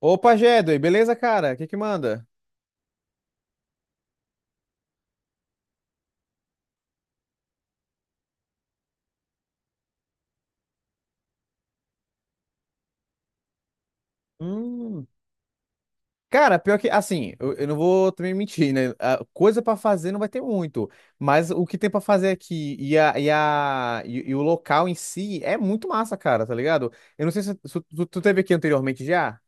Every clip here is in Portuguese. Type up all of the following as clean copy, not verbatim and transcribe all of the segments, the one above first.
Opa, Jedway, beleza, cara? O que que manda? Hum, Cara, pior que, assim, eu não vou também mentir, né? A coisa pra fazer não vai ter muito, mas o que tem pra fazer aqui e o local em si é muito massa, cara, tá ligado? Eu não sei se tu teve aqui anteriormente já.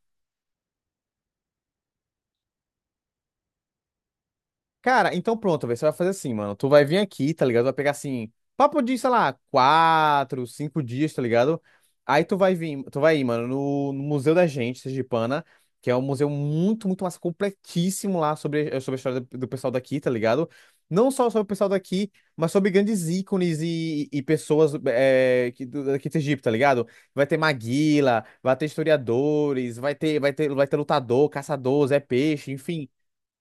Cara, então pronto, velho. Você vai fazer assim, mano. Tu vai vir aqui, tá ligado? Vai pegar assim, papo de, sei lá, quatro, cinco dias, tá ligado? Aí tu vai vir, tu vai ir, mano, no Museu da Gente, Sergipana, que é um museu muito, muito massa, completíssimo lá sobre, sobre a história do pessoal daqui, tá ligado? Não só sobre o pessoal daqui, mas sobre grandes ícones e pessoas daqui de Sergipe, tá ligado? Vai ter Maguila, vai ter historiadores, vai ter lutador, caçador, Zé Peixe, enfim.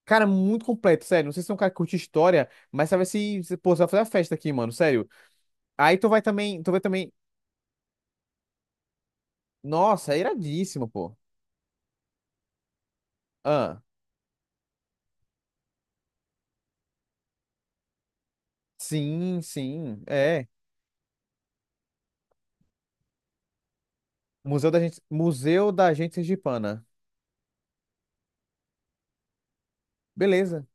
Cara, muito completo, sério. Não sei se é um cara que curte história, mas sabe pô, você vai fazer a festa aqui, mano, sério. Aí tu vai também, tu vai também. Nossa, é iradíssimo, pô. Ah, sim, sim, é. Museu da Gente Sergipana. Beleza.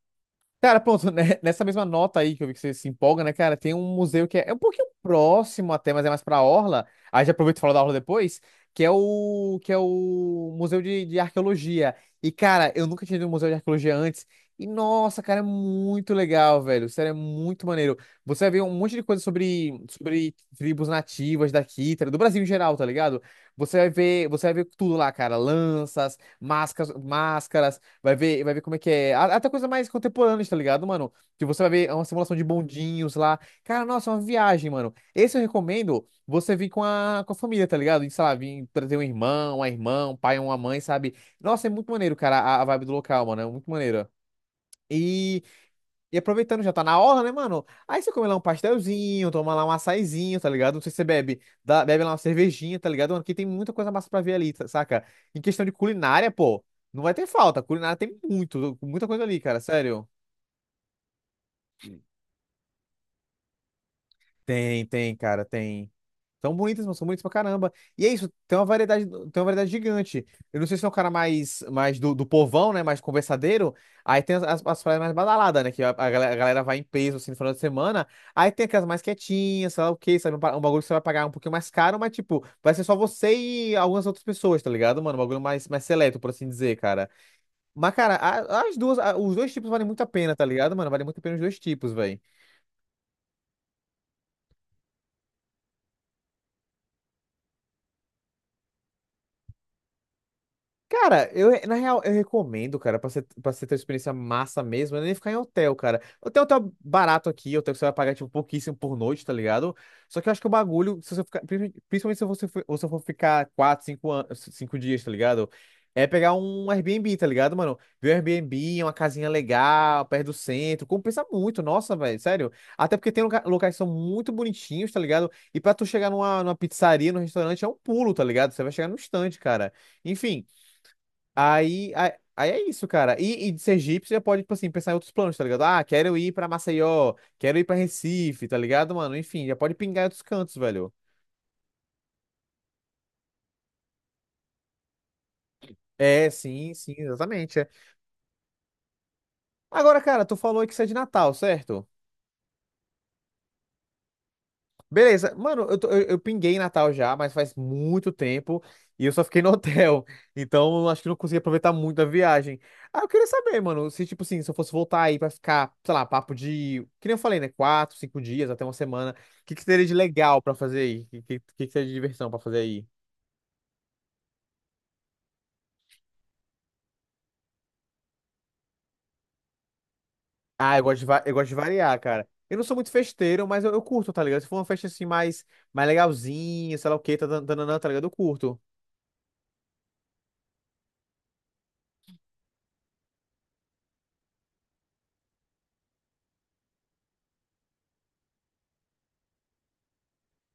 Cara, pronto, né, nessa mesma nota aí que eu vi que você se empolga, né, cara? Tem um museu que é um pouquinho próximo até, mas é mais pra Orla. Aí já aproveito e falo da Orla depois, que é o Museu de Arqueologia. E, cara, eu nunca tinha ido no Museu de Arqueologia antes. E, nossa, cara, é muito legal, velho. Sério, é muito maneiro. Você vai ver um monte de coisa sobre tribos nativas daqui, tá ligado? Do Brasil em geral, tá ligado? Você vai ver tudo lá, cara. Lanças, máscaras, máscaras. Vai ver como é que é. A- Até coisa mais contemporânea, tá ligado, mano? Que você vai ver é uma simulação de bondinhos lá. Cara, nossa, é uma viagem, mano. Esse eu recomendo você vir com a família, tá ligado? E, sei lá, vir trazer um irmão, uma irmã, um pai, uma mãe, sabe? Nossa, é muito maneiro, cara, a vibe do local, mano. É muito maneiro. E e aproveitando, já tá na orla, né, mano? Aí você come lá um pastelzinho, toma lá um açaizinho, tá ligado? Não sei se você bebe, dá- bebe lá uma cervejinha, tá ligado? Mano, que tem muita coisa massa pra ver ali, tá- saca? Em questão de culinária, pô, não vai ter falta. Culinária tem muito, muita coisa ali, cara, sério. Tem, tem, cara, tem. São bonitas, mas são bonitas pra caramba. E é isso, tem uma variedade gigante. Eu não sei se é um cara mais, mais do povão, né? Mais conversadeiro. Aí tem as praias mais badaladas, né? Que a galera vai em peso assim no final de semana. Aí tem aquelas mais quietinhas, sei lá o quê, sabe? Pa- um bagulho que você vai pagar um pouquinho mais caro, mas tipo, vai ser só você e algumas outras pessoas, tá ligado, mano? Um bagulho mais, mais seleto, por assim dizer, cara. Mas, cara, a- as duas, a- os dois tipos valem muito a pena, tá ligado, mano? Vale muito a pena os dois tipos, velho. Cara, eu, na real, eu recomendo, cara, pra você ter uma experiência massa mesmo, é nem ficar em hotel, cara. Hotel, hotel barato aqui, hotel que você vai pagar, tipo, pouquíssimo por noite, tá ligado? Só que eu acho que o bagulho, se você ficar, princi- principalmente se você for, ou se eu for ficar quatro, cinco, an- cinco dias, tá ligado? É pegar um Airbnb, tá ligado, mano? Ver um Airbnb, uma casinha legal, perto do centro, compensa muito, nossa, velho, sério. Até porque tem loca- locais que são muito bonitinhos, tá ligado? E pra tu chegar numa pizzaria, num restaurante, é um pulo, tá ligado? Você vai chegar num instante, cara. Enfim. Aí é isso, cara. E de Sergipe você pode, tipo assim, pensar em outros planos, tá ligado? Ah, quero ir pra Maceió, quero ir pra Recife, tá ligado, mano? Enfim, já pode pingar em outros cantos, velho. É, sim, sim, exatamente. É. Agora, cara, tu falou que você é de Natal, certo? Beleza, mano, eu, tô- eu pinguei em Natal já, mas faz muito tempo e eu só fiquei no hotel. Então, eu acho que não consegui aproveitar muito a viagem. Ah, eu queria saber, mano, se, tipo assim, se eu fosse voltar aí pra ficar, sei lá, papo de, que nem eu falei, né, quatro, cinco dias, até uma semana, o que que teria de legal pra fazer aí? O que, que seria de diversão pra fazer aí? Ah, eu gosto de, va- eu gosto de variar, cara. Eu não sou muito festeiro, mas eu curto, tá ligado? Se for uma festa assim mais, mais legalzinha, sei lá o quê, tá ligado? Eu curto.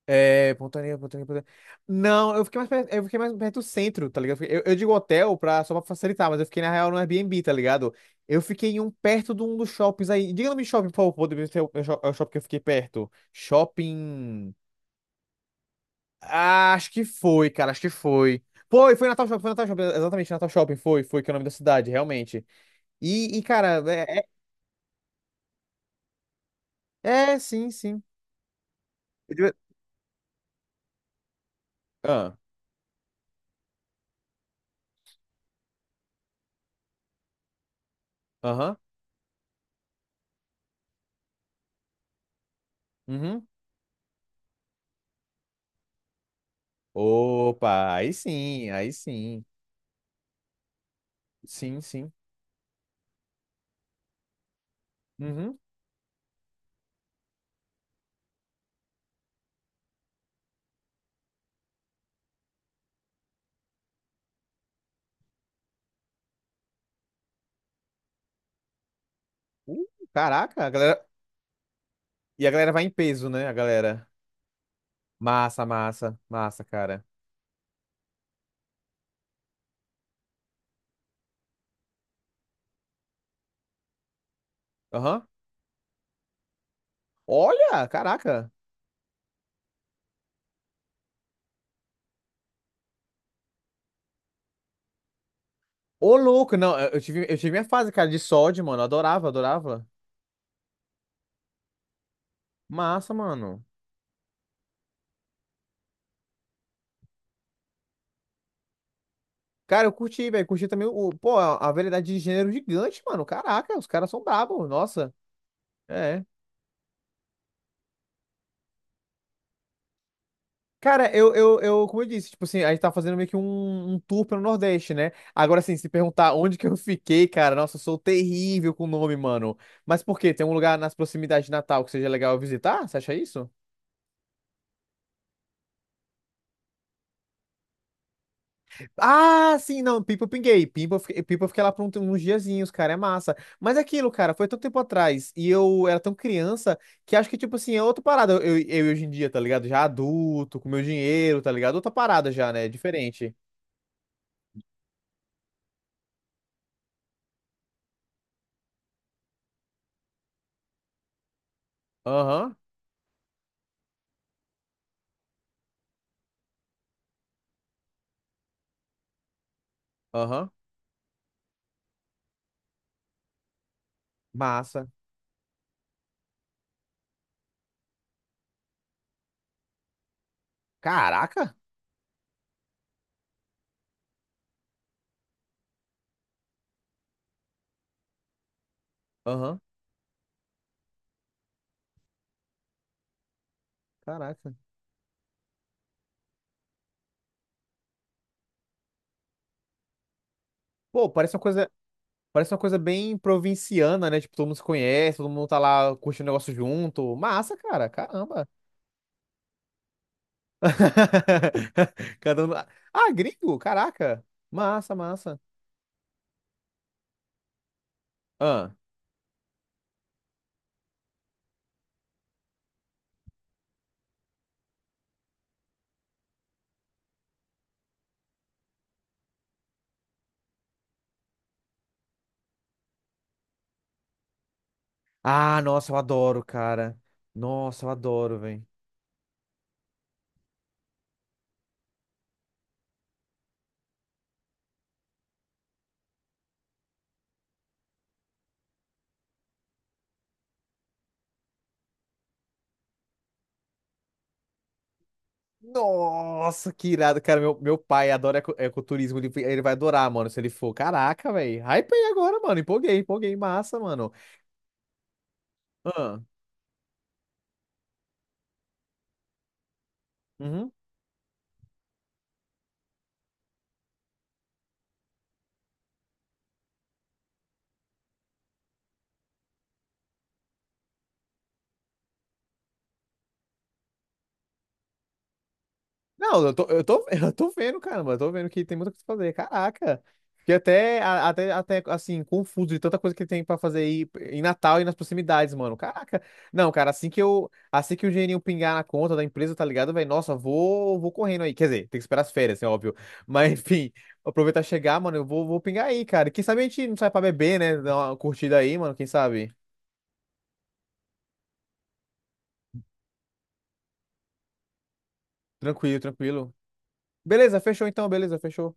É, Pontaria, Pontaria, Pontaria. Não, eu fiquei mais perto, eu fiquei mais perto do centro, tá ligado? Eu digo hotel pra, só pra facilitar, mas eu fiquei na real no Airbnb, tá ligado? Eu fiquei em um perto de um dos shoppings aí. Diga o nome de shopping, por favor, pra poder ver se é o shop- é o shopping que eu fiquei perto. Shopping. Ah, acho que foi, cara, acho que foi. Foi, foi Natal Shopping, exatamente, Natal Shopping, foi, foi, que é o nome da cidade, realmente. E, cara, é, é, é, sim, sim. Eu devia- Ah, aham, uhum. Opa, aí sim, aí sim. Sim, sim. Uhum. Uh, caraca, a galera. E a galera vai em peso, né? A galera. Massa, massa, massa, cara. Aham. Olha, caraca. Ô, louco. Não, eu tive minha fase, cara, de sódio, mano. Eu adorava, adorava. Massa, mano. Cara, eu curti, velho. Curti também o. Pô, a variedade de gênero gigante, mano. Caraca, os caras são brabos. Nossa. É. Cara, eu, como eu disse, tipo assim, a gente tá fazendo meio que um tour pelo Nordeste, né? Agora, assim, se perguntar onde que eu fiquei, cara, nossa, eu sou terrível com o nome, mano. Mas por quê? Tem um lugar nas proximidades de Natal que seja legal eu visitar? Você acha isso? Ah, sim, não, Pipa eu pinguei. Pipa eu fiquei lá por um- uns diazinhos, cara, é massa. Mas é aquilo, cara, foi tanto tempo atrás e eu era tão criança que acho que, tipo assim, é outra parada eu hoje em dia, tá ligado? Já adulto, com meu dinheiro, tá ligado? Outra parada já, né? Diferente. Aham, aham, massa. Caraca! Aham, caraca. Pô, parece uma coisa bem provinciana, né? Tipo, todo mundo se conhece, todo mundo tá lá curtindo o negócio junto. Massa, cara, caramba. Cada um... Ah, gringo, caraca. Massa, massa. Ah, ah, nossa, eu adoro, cara. Nossa, eu adoro, velho. Nossa, que irado, cara. Meu pai adora eco- ecoturismo. Ele vai adorar, mano, se ele for. Caraca, velho. Hypei agora, mano. Empolguei, empolguei. Massa, mano. Ah, uhum. Não, eu tô, eu tô vendo, caramba, eu tô vendo que tem muita coisa pra fazer. Caraca! Fiquei até, a- até, assim, confuso de tanta coisa que tem pra fazer aí em Natal e nas proximidades, mano. Caraca! Não, cara, assim que eu, assim que o dinheirinho pingar na conta da empresa, tá ligado, velho? Nossa, vou, vou correndo aí. Quer dizer, tem que esperar as férias, é óbvio. Mas, enfim, aproveitar e chegar, mano, eu vou, vou pingar aí, cara. Quem sabe a gente não sai pra beber, né? Dar uma curtida aí, mano, quem sabe? Tranquilo, tranquilo. Beleza, fechou então, beleza, fechou.